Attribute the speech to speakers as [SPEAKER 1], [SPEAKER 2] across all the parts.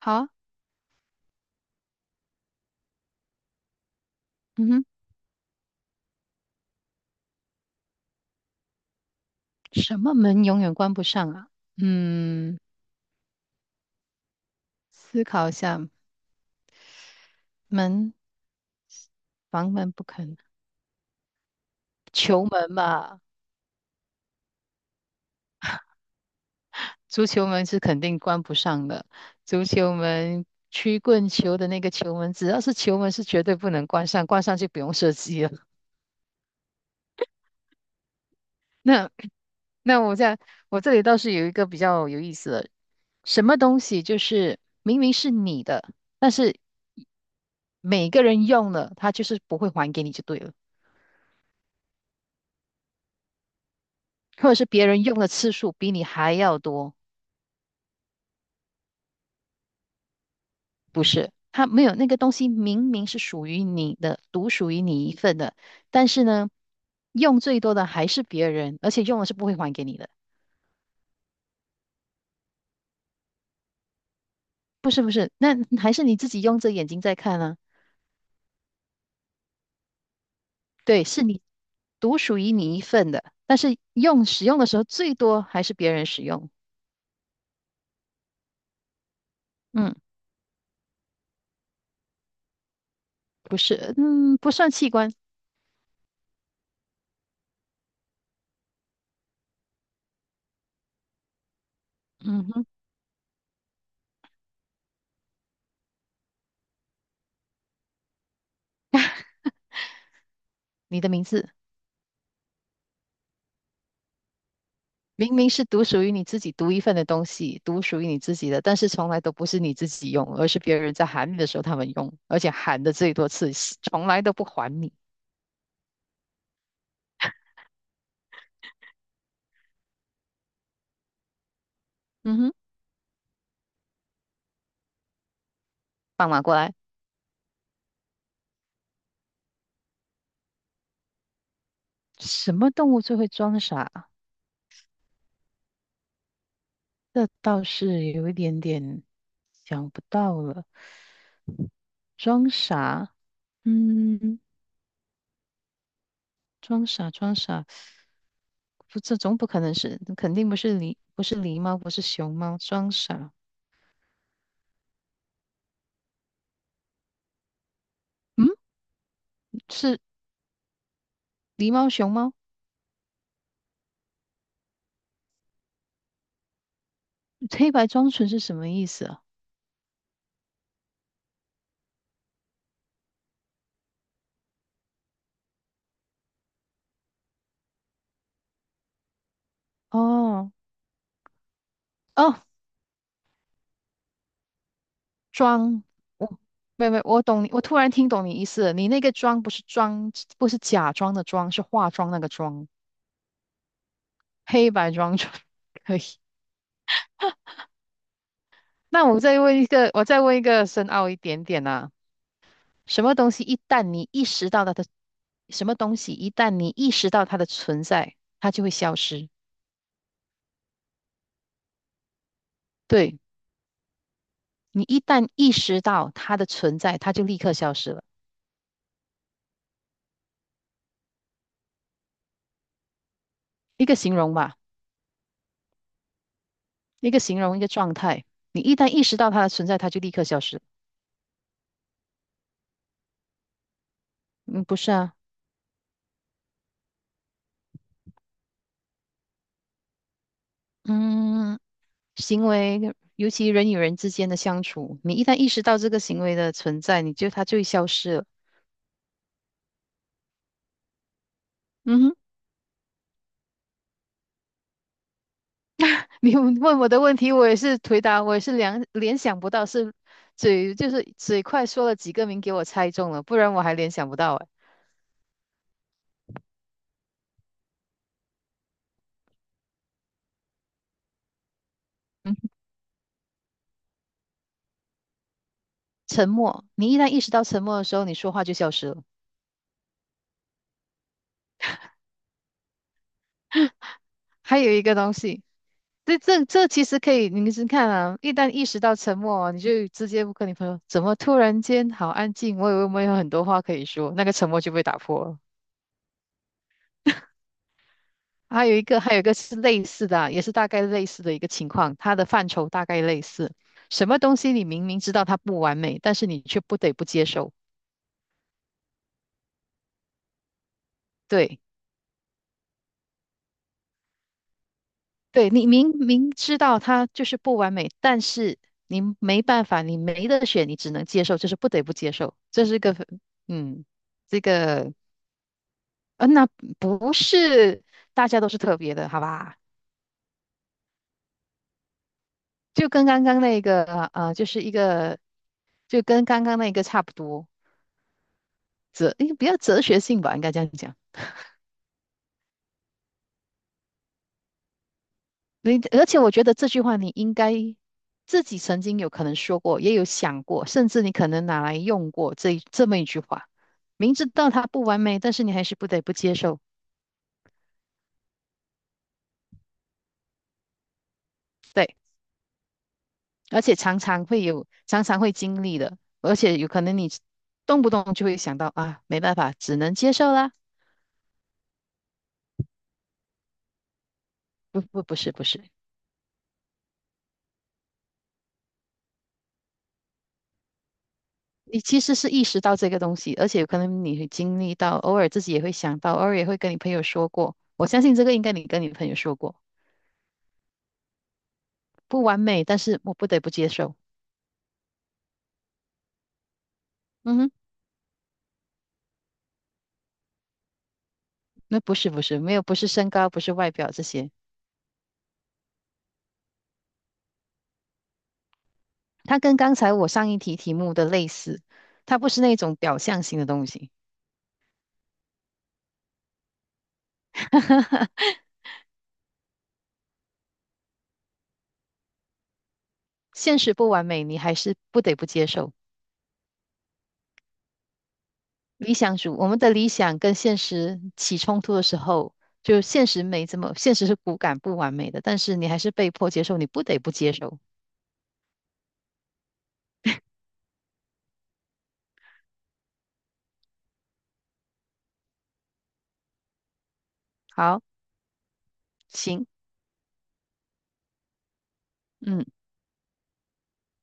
[SPEAKER 1] 好啊。嗯哼，什么门永远关不上啊？嗯，思考一下，门，房门不肯，球门吧，足球门是肯定关不上的。足球门，曲棍球的那个球门，只要是球门是绝对不能关上，关上就不用射击了。那那我这里倒是有一个比较有意思的，什么东西就是明明是你的，每个人用了，他就是不会还给你就对了。或者是别人用的次数比你还要多，不是？他没有那个东西，明明是属于你的，独属于你一份的，但是呢，用最多的还是别人，而且用了是不会还给你的，不是？那还是你自己用着眼睛在看啊。对，是你独属于你一份的，但是用使用的时候最多还是别人使用。嗯，不是，嗯，不算器官。嗯哼，你的名字。明明是独属于你自己独一份的东西，独属于你自己的，但是从来都不是你自己用，而是别人在喊你的时候他们用，而且喊的最多次，从来都不还你。嗯哼，放马过来。什么动物最会装傻？这倒是有一点点想不到了。装傻，嗯，装傻，装傻，不，这总不可能是，肯定不是狸，不是狸猫，不是熊猫，装傻。嗯，是狸猫、熊猫。黑白装纯是什么意思啊？哦哦，装，我没有没有，我懂你，我突然听懂你意思了。你那个妆不是妆，不是假装的妆，是化妆那个妆，黑白妆妆 可以。那我再问一个，我再问一个深奥一点点啊，什么东西一旦你意识到它的存在，它就会消失。对，你一旦意识到它的存在，它就立刻消失了。一个形容吧，一个形容一个状态，你一旦意识到它的存在，它就立刻消失。嗯，不是啊。嗯，行为，尤其人与人之间的相处，你一旦意识到这个行为的存在，它就会消失了。嗯哼。你问我的问题，我也是回答，我也是联想不到是嘴，就是嘴快说了几个名给我猜中了，不然我还联想不到哎。嗯，沉默，你一旦意识到沉默的时候，你说话就消失了。还有一个东西，这其实可以，你是看啊，一旦意识到沉默啊你就直接跟你朋友，怎么突然间好安静？我以为我们有很多话可以说，那个沉默就被打破了。还有一个，还有一个是类似的啊，也是大概类似的一个情况，它的范畴大概类似。什么东西你明明知道它不完美，但是你却不得不接受。对，对，你明明知道它就是不完美，但是你没办法，你没得选，你只能接受，就是不得不接受。这是一个，嗯。这个呃，那不是大家都是特别的，好吧？就跟刚刚那个，呃，就是一个，就跟刚刚那个差不多，哲，应该比较哲学性吧，应该这样讲。而且我觉得这句话你应该自己曾经有可能说过，也有想过，甚至你可能拿来用过这么一句话。明知道它不完美，但是你还是不得不接受。对，而且常常会有，常常会经历的，而且有可能你动不动就会想到啊，没办法，只能接受啦。不是，你其实是意识到这个东西，而且有可能你会经历到，偶尔自己也会想到，偶尔也会跟你朋友说过。我相信这个应该你跟你朋友说过，不完美，但是我不得不接受。嗯哼，那不是，没有，不是身高，不是外表这些，它跟刚才我上一题题目的类似，它不是那种表象型的东西。现实不完美，你还是不得不接受。理想主，我们的理想跟现实起冲突的时候，就现实没这么，现实是骨感不完美的，但是你还是被迫接受，你不得不接受。好，行，嗯，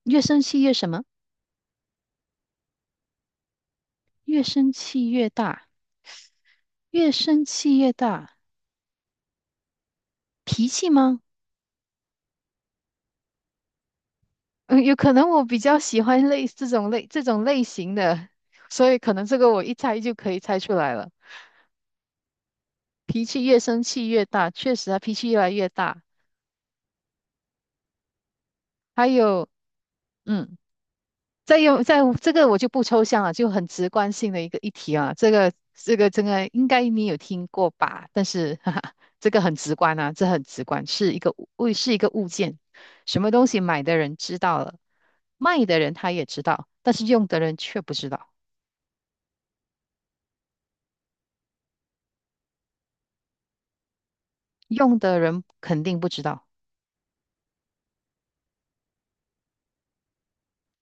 [SPEAKER 1] 越生气越什么？越生气越大，越生气越大，脾气吗？嗯，有可能我比较喜欢类这种类这种类型的，所以可能这个我一猜就可以猜出来了。脾气越生气越大，确实啊，脾气越来越大。还有，嗯。再这个我就不抽象了，就很直观性的一个议题啊，这个应该你有听过吧？但是哈哈，这个很直观啊，这很直观，是一个物件，什么东西买的人知道了，卖的人他也知道，但是用的人却不知道，用的人肯定不知道。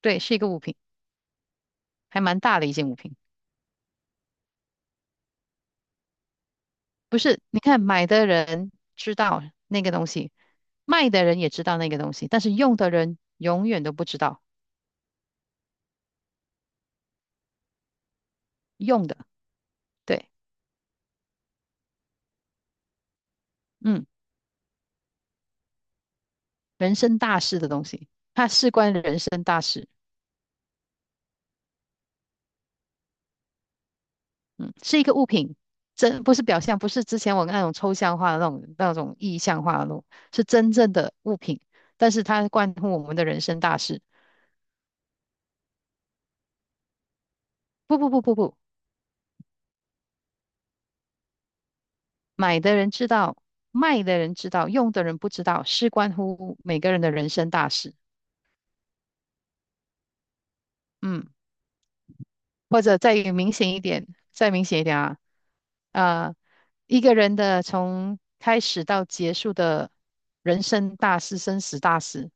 [SPEAKER 1] 对，是一个物品，还蛮大的一件物品。不是？你看买的人知道那个东西，卖的人也知道那个东西，但是用的人永远都不知道用的。对。嗯，人生大事的东西，它事关人生大事。嗯，是一个物品，真不是表象，不是之前我那种抽象化的那种意象化的那种，是真正的物品。但是它关乎我们的人生大事。不不不不不，买的人知道，卖的人知道，用的人不知道，事关乎每个人的人生大事。嗯，或者再明显一点，再明显一点啊，啊，一个人的从开始到结束的人生大事、生死大事，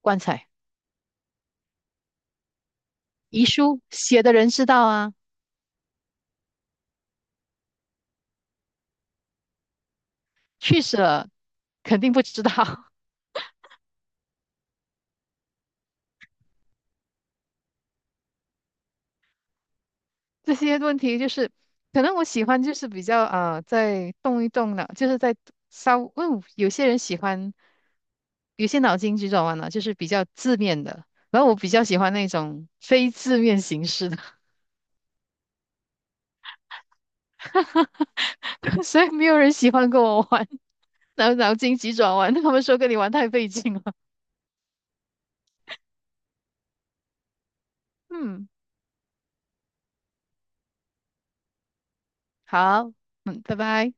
[SPEAKER 1] 棺材、遗书写的人知道啊，去世了肯定不知道。这些问题就是，可能我喜欢就是比较啊、在动一动脑，就是在稍，嗯，有些人喜欢，有些脑筋急转弯呢，就是比较字面的。然后我比较喜欢那种非字面形式的。所以没有人喜欢跟我玩脑筋急转弯。他们说跟你玩太费劲了。嗯，好，嗯，拜拜。